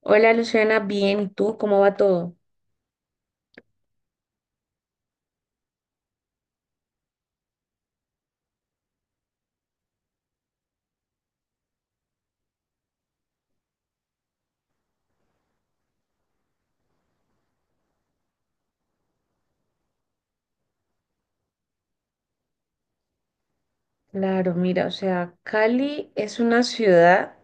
Hola Luciana, bien, ¿y tú cómo va todo? Claro, mira, o sea, Cali es una ciudad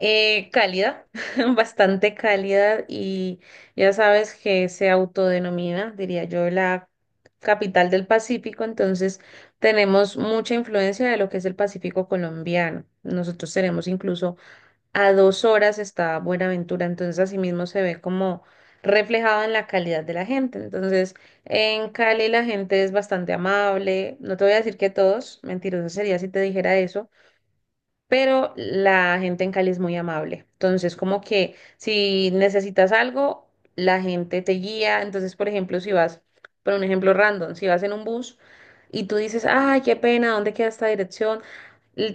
cálida, bastante cálida y ya sabes que se autodenomina, diría yo, la capital del Pacífico. Entonces tenemos mucha influencia de lo que es el Pacífico colombiano. Nosotros tenemos incluso a 2 horas está Buenaventura, entonces asimismo se ve como reflejado en la calidad de la gente. Entonces, en Cali la gente es bastante amable, no te voy a decir que todos, mentiroso sería si te dijera eso, pero la gente en Cali es muy amable. Entonces, como que si necesitas algo, la gente te guía. Entonces, por ejemplo, si vas, por un ejemplo random, si vas en un bus y tú dices, ay, qué pena, ¿dónde queda esta dirección?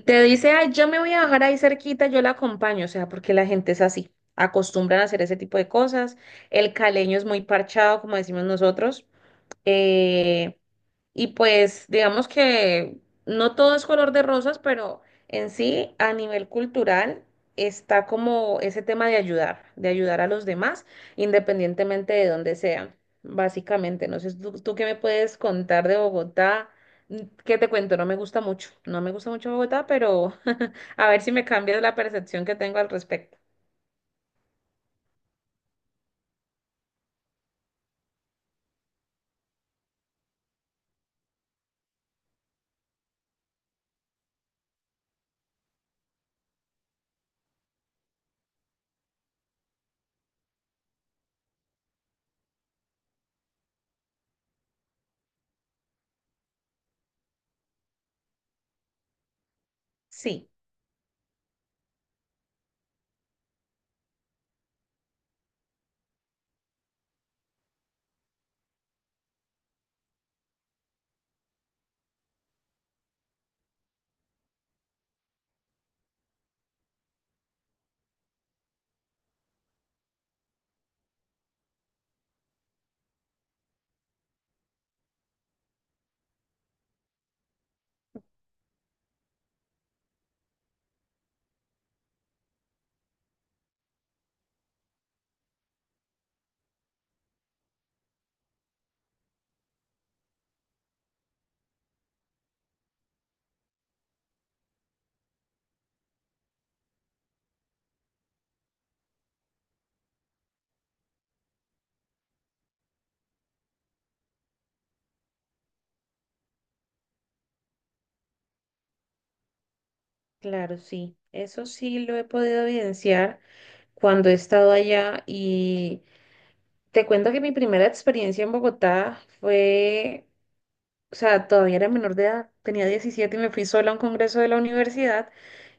Te dice, ay, yo me voy a bajar ahí cerquita, yo la acompaño, o sea, porque la gente es así, acostumbran a hacer ese tipo de cosas. El caleño es muy parchado, como decimos nosotros. Eh, y pues digamos que no todo es color de rosas, pero en sí, a nivel cultural, está como ese tema de ayudar a los demás, independientemente de dónde sean, básicamente. No sé, ¿tú qué me puedes contar de Bogotá? Mm, ¿qué te cuento? No me gusta mucho, no me gusta mucho Bogotá, pero a ver si me cambias la percepción que tengo al respecto. Sí, claro, sí. Eso sí lo he podido evidenciar cuando he estado allá y... Te cuento que mi primera experiencia en Bogotá fue, o sea, todavía era menor de edad, tenía 17 y me fui sola a un congreso de la universidad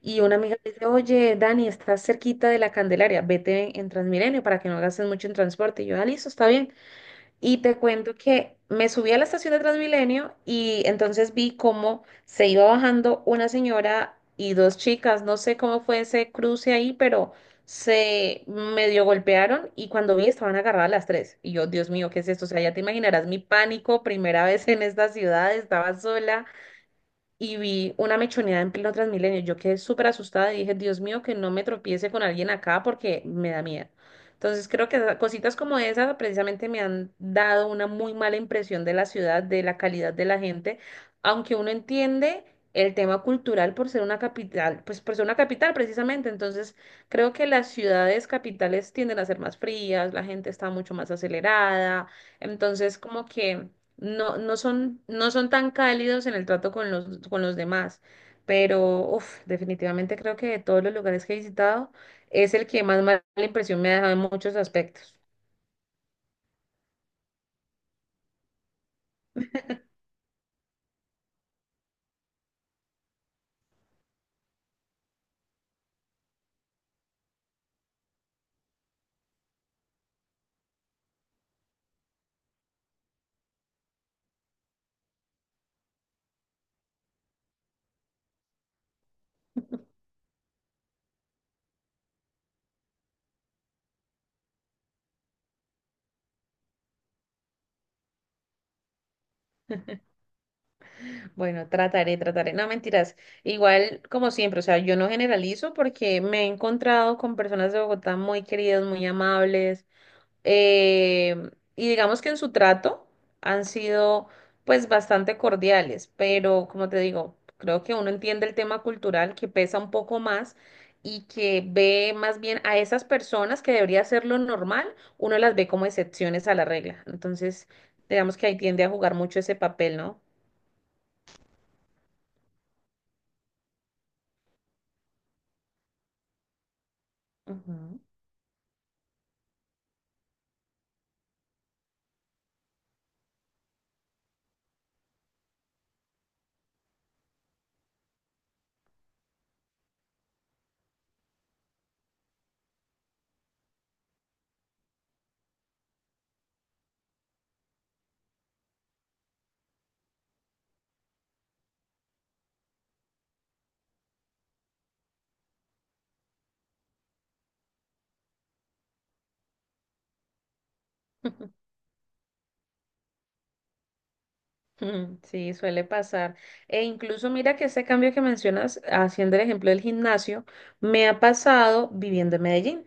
y una amiga me dice, oye, Dani, estás cerquita de la Candelaria, vete en Transmilenio para que no gastes mucho en transporte. Y yo, ah, listo, está bien. Y te cuento que me subí a la estación de Transmilenio y entonces vi cómo se iba bajando una señora y dos chicas. No sé cómo fue ese cruce ahí, pero se medio golpearon y cuando vi estaban agarradas las tres. Y yo, Dios mío, ¿qué es esto? O sea, ya te imaginarás mi pánico, primera vez en esta ciudad, estaba sola y vi una mechonera en pleno Transmilenio. Yo quedé súper asustada y dije, Dios mío, que no me tropiece con alguien acá porque me da miedo. Entonces creo que cositas como esas precisamente me han dado una muy mala impresión de la ciudad, de la calidad de la gente, aunque uno entiende el tema cultural por ser una capital, pues por ser una capital precisamente. Entonces creo que las ciudades capitales tienden a ser más frías, la gente está mucho más acelerada. Entonces como que no son tan cálidos en el trato con los demás, pero uf, definitivamente creo que de todos los lugares que he visitado es el que más mala impresión me ha dejado en muchos aspectos. Bueno, trataré, trataré. No, mentiras. Igual, como siempre, o sea, yo no generalizo porque me he encontrado con personas de Bogotá muy queridas, muy amables. Eh, y digamos que en su trato han sido pues bastante cordiales, pero como te digo, creo que uno entiende el tema cultural que pesa un poco más y que ve más bien a esas personas que debería ser lo normal, uno las ve como excepciones a la regla. Entonces, digamos que ahí tiende a jugar mucho ese papel, ¿no? Ujú. Mm, sí, suele pasar. E incluso mira que ese cambio que mencionas, haciendo el ejemplo del gimnasio, me ha pasado viviendo en Medellín.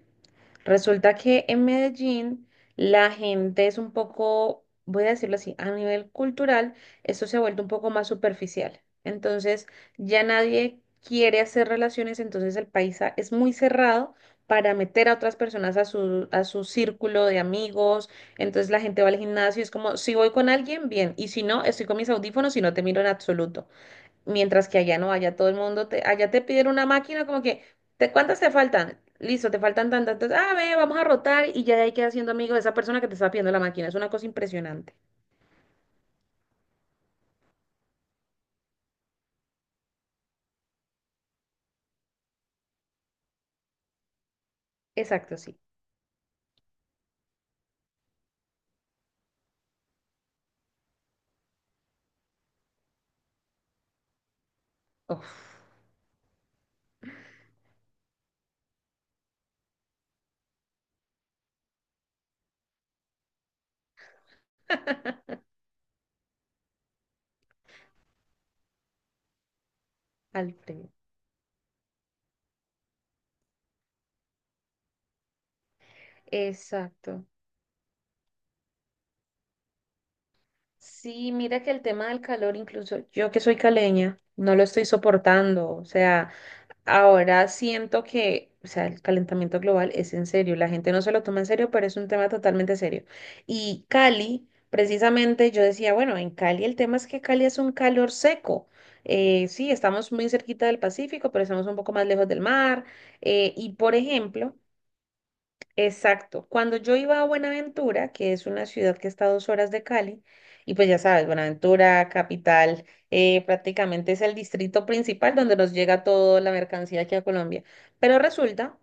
Resulta que en Medellín la gente es un poco, voy a decirlo así, a nivel cultural, esto se ha vuelto un poco más superficial. Entonces, ya nadie quiere hacer relaciones, entonces el paisa es muy cerrado para meter a otras personas a su círculo de amigos. Entonces la gente va al gimnasio, es como, si voy con alguien, bien, y si no, estoy con mis audífonos y no te miro en absoluto. Mientras que allá no, allá todo el mundo te, allá te piden una máquina como que, ¿te, cuántas te faltan? Listo, te faltan tantas. Entonces, ah, ve, vamos a rotar y ya de ahí quedas siendo amigo de esa persona que te está pidiendo la máquina. Es una cosa impresionante. Exacto, sí. Uf, Alfredo. Exacto. Sí, mira que el tema del calor, incluso yo que soy caleña, no lo estoy soportando. O sea, ahora siento que, o sea, el calentamiento global es en serio, la gente no se lo toma en serio, pero es un tema totalmente serio. Y Cali, precisamente yo decía, bueno, en Cali el tema es que Cali es un calor seco. Sí, estamos muy cerquita del Pacífico, pero estamos un poco más lejos del mar. Y por ejemplo, exacto. Cuando yo iba a Buenaventura, que es una ciudad que está a 2 horas de Cali, y pues ya sabes, Buenaventura, capital, prácticamente es el distrito principal donde nos llega toda la mercancía aquí a Colombia. Pero resulta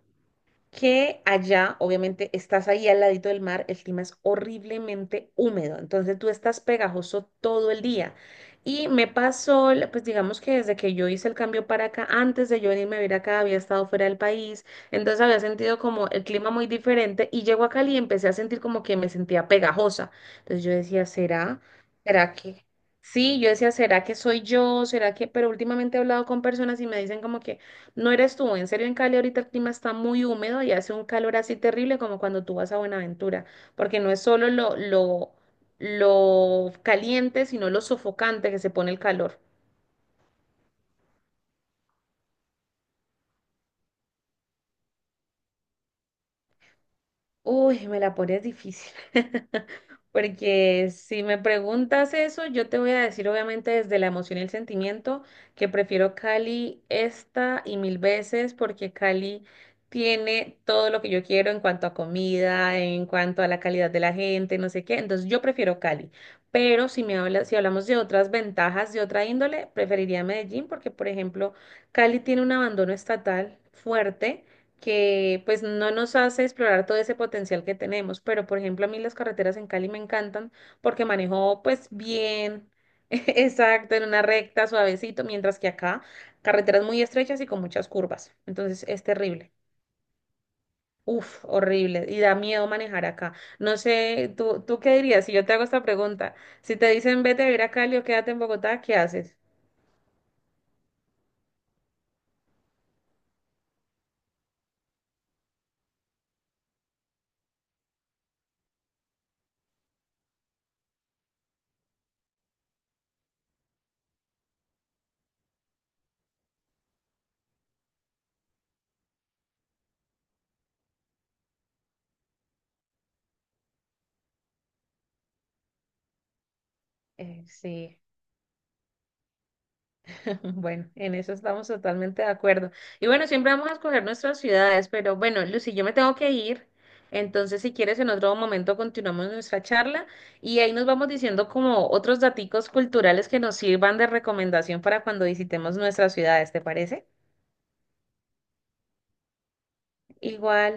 que allá, obviamente, estás ahí al ladito del mar, el clima es horriblemente húmedo, entonces tú estás pegajoso todo el día. Y me pasó, pues digamos que desde que yo hice el cambio para acá, antes de yo venirme a vivir acá, había estado fuera del país, entonces había sentido como el clima muy diferente y llego a Cali y empecé a sentir como que me sentía pegajosa. Entonces yo decía, ¿será? ¿Será que? Sí, yo decía, ¿será que soy yo? ¿Será que? Pero últimamente he hablado con personas y me dicen como que... No eres tú, en serio en Cali ahorita el clima está muy húmedo y hace un calor así terrible como cuando tú vas a Buenaventura, porque no es solo lo caliente, sino lo sofocante que se pone el calor. Uy, me la pones difícil. Porque si me preguntas eso, yo te voy a decir obviamente desde la emoción y el sentimiento que prefiero Cali esta y mil veces porque Cali tiene todo lo que yo quiero en cuanto a comida, en cuanto a la calidad de la gente, no sé qué. Entonces yo prefiero Cali. Pero si me hablas, si hablamos de otras ventajas de otra índole, preferiría Medellín porque, por ejemplo, Cali tiene un abandono estatal fuerte que pues no nos hace explorar todo ese potencial que tenemos. Pero, por ejemplo, a mí las carreteras en Cali me encantan porque manejo pues bien, exacto, en una recta, suavecito, mientras que acá carreteras muy estrechas y con muchas curvas. Entonces es terrible. Uf, horrible. Y da miedo manejar acá. No sé, ¿tú qué dirías si yo te hago esta pregunta? Si te dicen vete a vivir a Cali o quédate en Bogotá, ¿qué haces? Sí. Bueno, en eso estamos totalmente de acuerdo. Y bueno, siempre vamos a escoger nuestras ciudades, pero bueno, Lucy, yo me tengo que ir. Entonces, si quieres, en otro momento continuamos nuestra charla y ahí nos vamos diciendo como otros daticos culturales que nos sirvan de recomendación para cuando visitemos nuestras ciudades, ¿te parece? Igual.